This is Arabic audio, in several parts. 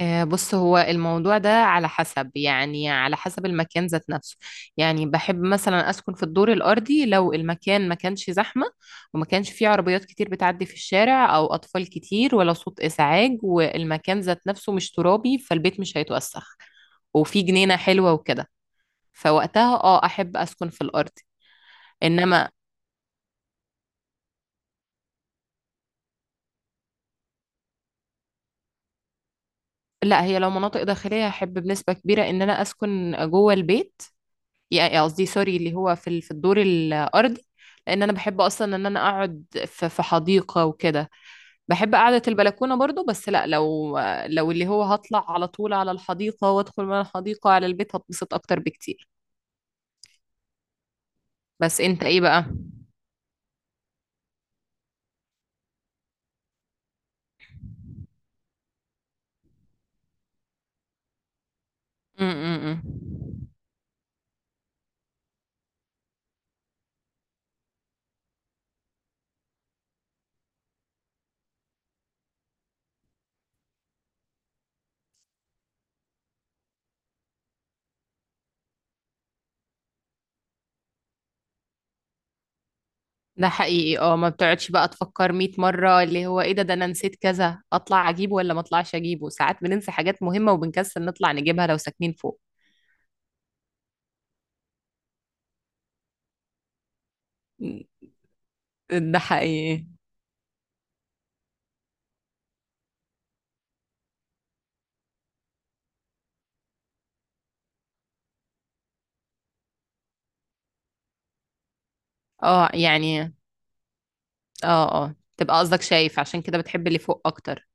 آه، بص، هو الموضوع ده على حسب المكان ذات نفسه. يعني بحب مثلا أسكن في الدور الأرضي لو المكان ما كانش زحمة، وما كانش فيه عربيات كتير بتعدي في الشارع أو أطفال كتير ولا صوت إزعاج، والمكان ذات نفسه مش ترابي فالبيت مش هيتوسخ، وفي جنينة حلوة وكده. فوقتها اه أحب أسكن في الأرض. إنما لا، هي لو مناطق داخلية أحب بنسبة كبيرة إن أنا أسكن جوه البيت. يعني قصدي، سوري، اللي هو في الدور الأرضي. لأن أنا بحب أصلا إن أنا أقعد في حديقة وكده. بحب قعدة البلكونة برضو، بس لأ، لو اللي هو هطلع على طول على الحديقة وأدخل من الحديقة على البيت هتبسط أكتر بكتير. بس أنت إيه بقى؟ م -م -م. ده حقيقي، اه، ما بتقعدش بقى تفكر 100 مرة اللي هو ايه، ده انا نسيت كذا، اطلع اجيبه ولا ما اطلعش اجيبه، ساعات بننسى حاجات مهمة وبنكسل نطلع نجيبها لو ساكنين فوق. ده حقيقي اه. يعني اه اه، تبقى قصدك شايف عشان كده بتحب اللي فوق اكتر.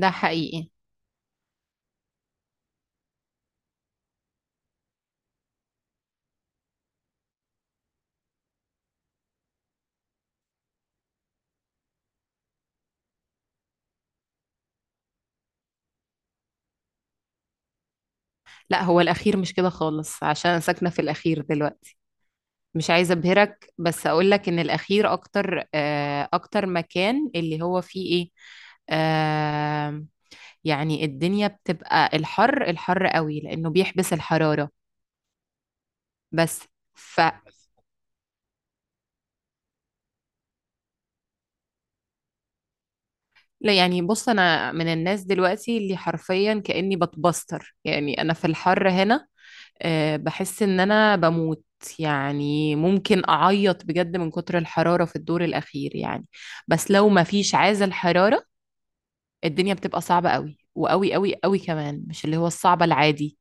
ده حقيقي. لا، هو الاخير مش كده خالص عشان انا ساكنه في الاخير دلوقتي. مش عايزه ابهرك بس اقول لك ان الاخير اكتر، آه، اكتر مكان اللي هو فيه ايه. آه، يعني الدنيا بتبقى الحر، الحر قوي لانه بيحبس الحراره. بس ف لا، يعني بص، انا من الناس دلوقتي اللي حرفيا كاني بتبستر، يعني انا في الحر هنا، آه، بحس ان انا بموت. يعني ممكن اعيط بجد من كتر الحرارة في الدور الاخير، يعني بس لو ما فيش عازل حرارة الدنيا بتبقى صعبة قوي وقوي قوي قوي كمان، مش اللي هو الصعبة العادي.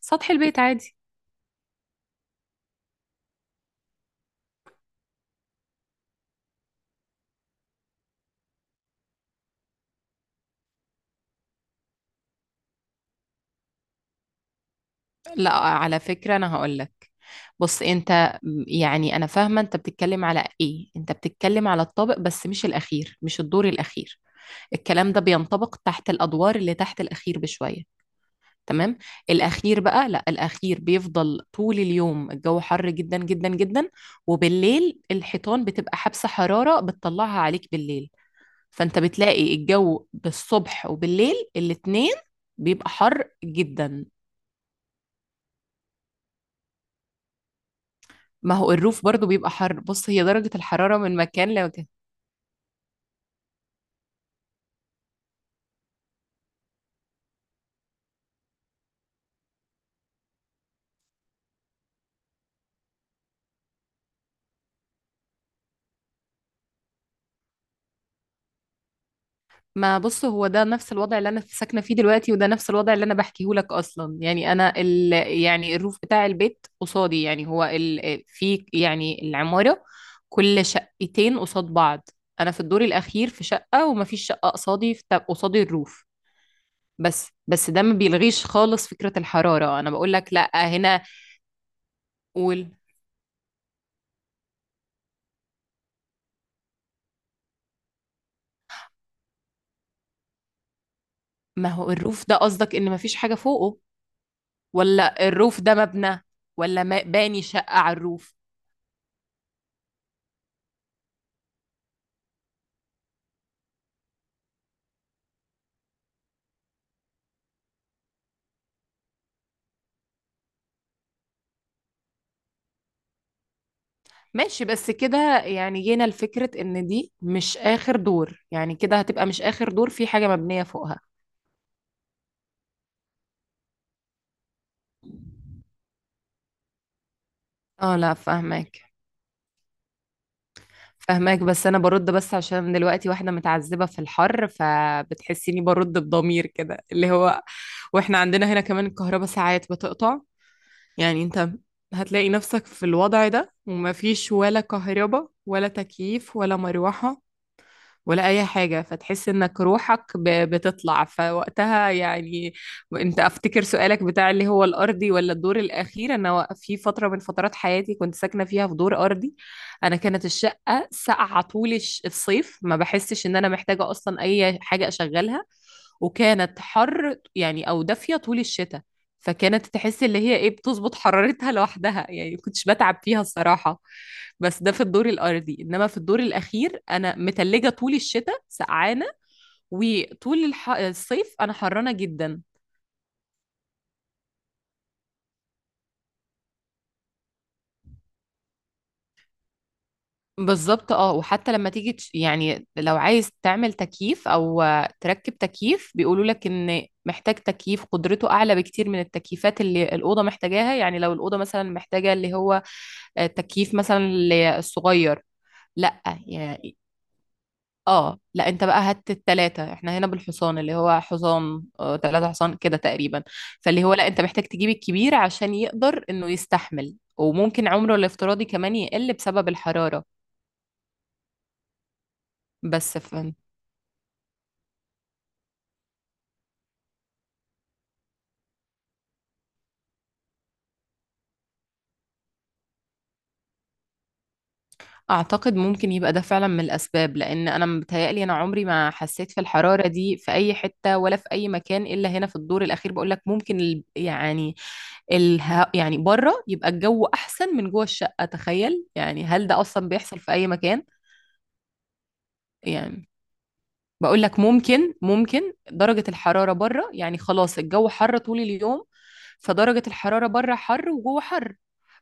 سطح البيت عادي. لا على فكرة انا هقولك، بص، انت يعني انا فاهمة انت بتتكلم على ايه، انت بتتكلم على الطابق بس مش الاخير، مش الدور الاخير. الكلام ده بينطبق تحت، الادوار اللي تحت الاخير بشوية، تمام. الأخير بقى لا، الأخير بيفضل طول اليوم الجو حر جدا جدا جدا. وبالليل الحيطان بتبقى حابسة حرارة بتطلعها عليك بالليل. فأنت بتلاقي الجو بالصبح وبالليل الاتنين بيبقى حر جدا. ما هو الروف برضو بيبقى حر، بص هي درجة الحرارة من مكان لمكان. ما بص، هو ده نفس الوضع اللي انا ساكنه فيه دلوقتي، وده نفس الوضع اللي انا بحكيه لك اصلا. يعني انا يعني الروف بتاع البيت قصادي، يعني هو في يعني العماره كل شقتين قصاد بعض. انا في الدور الاخير في شقه، ومفيش شقه قصادي الروف. بس ده ما بيلغيش خالص فكره الحراره. انا بقول لك لا هنا. قول. ما هو الروف ده، قصدك ان مفيش حاجه فوقه، ولا الروف ده مبنى، ولا باني شقه على الروف. ماشي، بس كده يعني جينا لفكرة ان دي مش اخر دور، يعني كده هتبقى مش اخر دور في حاجة مبنية فوقها. اه لا، فاهماك فاهماك، بس انا برد بس عشان دلوقتي واحدة متعذبة في الحر فبتحسيني برد بضمير كده اللي هو. واحنا عندنا هنا كمان الكهرباء ساعات بتقطع، يعني انت هتلاقي نفسك في الوضع ده ومفيش ولا كهرباء ولا تكييف ولا مروحة ولا أي حاجة، فتحس إنك روحك بتطلع فوقتها يعني. أنت أفتكر سؤالك بتاع اللي هو الأرضي ولا الدور الأخير، أنا في فترة من فترات حياتي كنت ساكنة فيها في دور أرضي. أنا كانت الشقة ساقعة طول الصيف، ما بحسش إن أنا محتاجة أصلا أي حاجة أشغلها. وكانت حر يعني أو دافية طول الشتاء. فكانت تحس اللي هي ايه، بتظبط حرارتها لوحدها، يعني ما كنتش بتعب فيها الصراحة. بس ده في الدور الأرضي، إنما في الدور الأخير أنا متلجة طول الشتاء سقعانة، وطول الصيف أنا حرانة جدا. بالظبط، اه، وحتى لما تيجي يعني لو عايز تعمل تكييف، او آه، تركب تكييف، بيقولوا لك ان محتاج تكييف قدرته اعلى بكتير من التكييفات اللي الاوضه محتاجاها. يعني لو الاوضه مثلا محتاجه اللي هو آه، تكييف مثلا الصغير. لا، اه لا، انت بقى هات التلاتة. احنا هنا بالحصان، اللي هو حصان آه، تلاتة حصان كده تقريبا. فاللي هو لا، انت محتاج تجيب الكبير عشان يقدر انه يستحمل، وممكن عمره الافتراضي كمان يقل بسبب الحرارة. بس اعتقد ممكن يبقى ده فعلا من الاسباب، لان انا متهيألي انا عمري ما حسيت في الحرارة دي في اي حتة ولا في اي مكان الا هنا في الدور الاخير. بقول لك ممكن يعني الها يعني بره يبقى الجو احسن من جوه الشقة. تخيل يعني، هل ده اصلا بيحصل في اي مكان؟ يعني بقول لك ممكن، ممكن درجة الحرارة بره يعني خلاص، الجو حر طول اليوم. فدرجة الحرارة بره حر وجوه حر،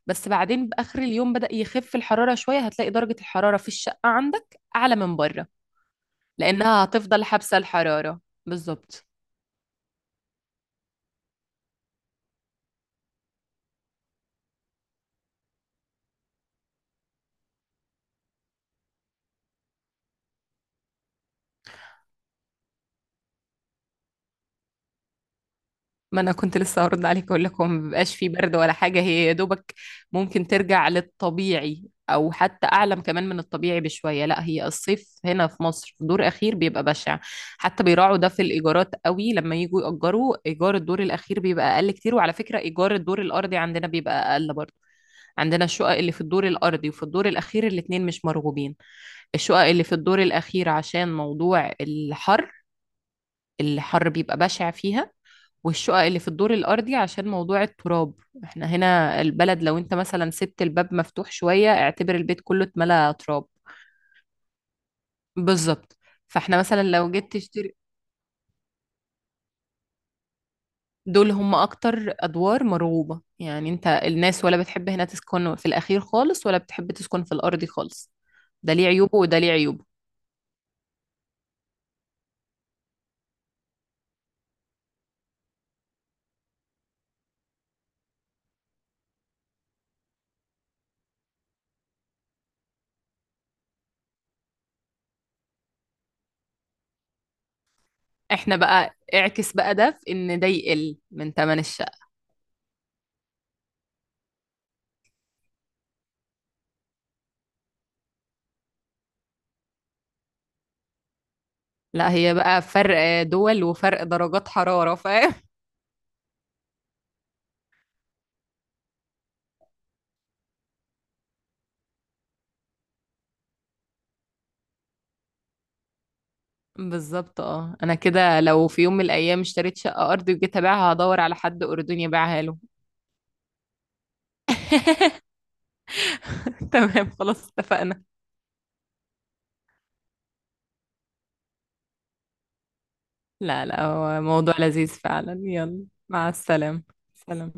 بس بعدين بآخر اليوم بدأ يخف الحرارة شوية، هتلاقي درجة الحرارة في الشقة عندك أعلى من بره لأنها هتفضل حابسة الحرارة. بالظبط. ما انا كنت لسه هرد عليك اقول لك، هو ما بيبقاش فيه برد ولا حاجه، هي يا دوبك ممكن ترجع للطبيعي او حتى اعلى كمان من الطبيعي بشويه. لا، هي الصيف هنا في مصر في دور اخير بيبقى بشع. حتى بيراعوا ده في الايجارات قوي، لما يجوا ياجروا ايجار الدور الاخير بيبقى اقل كتير، وعلى فكره ايجار الدور الارضي عندنا بيبقى اقل برضه. عندنا الشقق اللي في الدور الارضي وفي الدور الاخير الاتنين مش مرغوبين. الشقق اللي في الدور الأخير عشان موضوع الحر، الحر بيبقى بشع فيها. والشقق اللي في الدور الأرضي عشان موضوع التراب، احنا هنا البلد لو انت مثلا سبت الباب مفتوح شوية اعتبر البيت كله اتملى تراب. بالظبط. فاحنا مثلا لو جيت تشتري، دول هم أكتر أدوار مرغوبة. يعني انت، الناس ولا بتحب هنا تسكن في الأخير خالص ولا بتحب تسكن في الأرضي خالص، ده ليه عيوبه وده ليه عيوبه. احنا بقى اعكس بقى، ده في ان ده يقل من تمن الشقة. لا، هي بقى فرق دول وفرق درجات حرارة، فاهم. بالظبط، اه، انا كده لو في يوم من الايام اشتريت شقة ارضي وجيت ابيعها هدور على حد اردني يبيعها له. تمام، خلاص، اتفقنا. لا لا، هو موضوع لذيذ فعلا، يلا مع السلامة. سلام.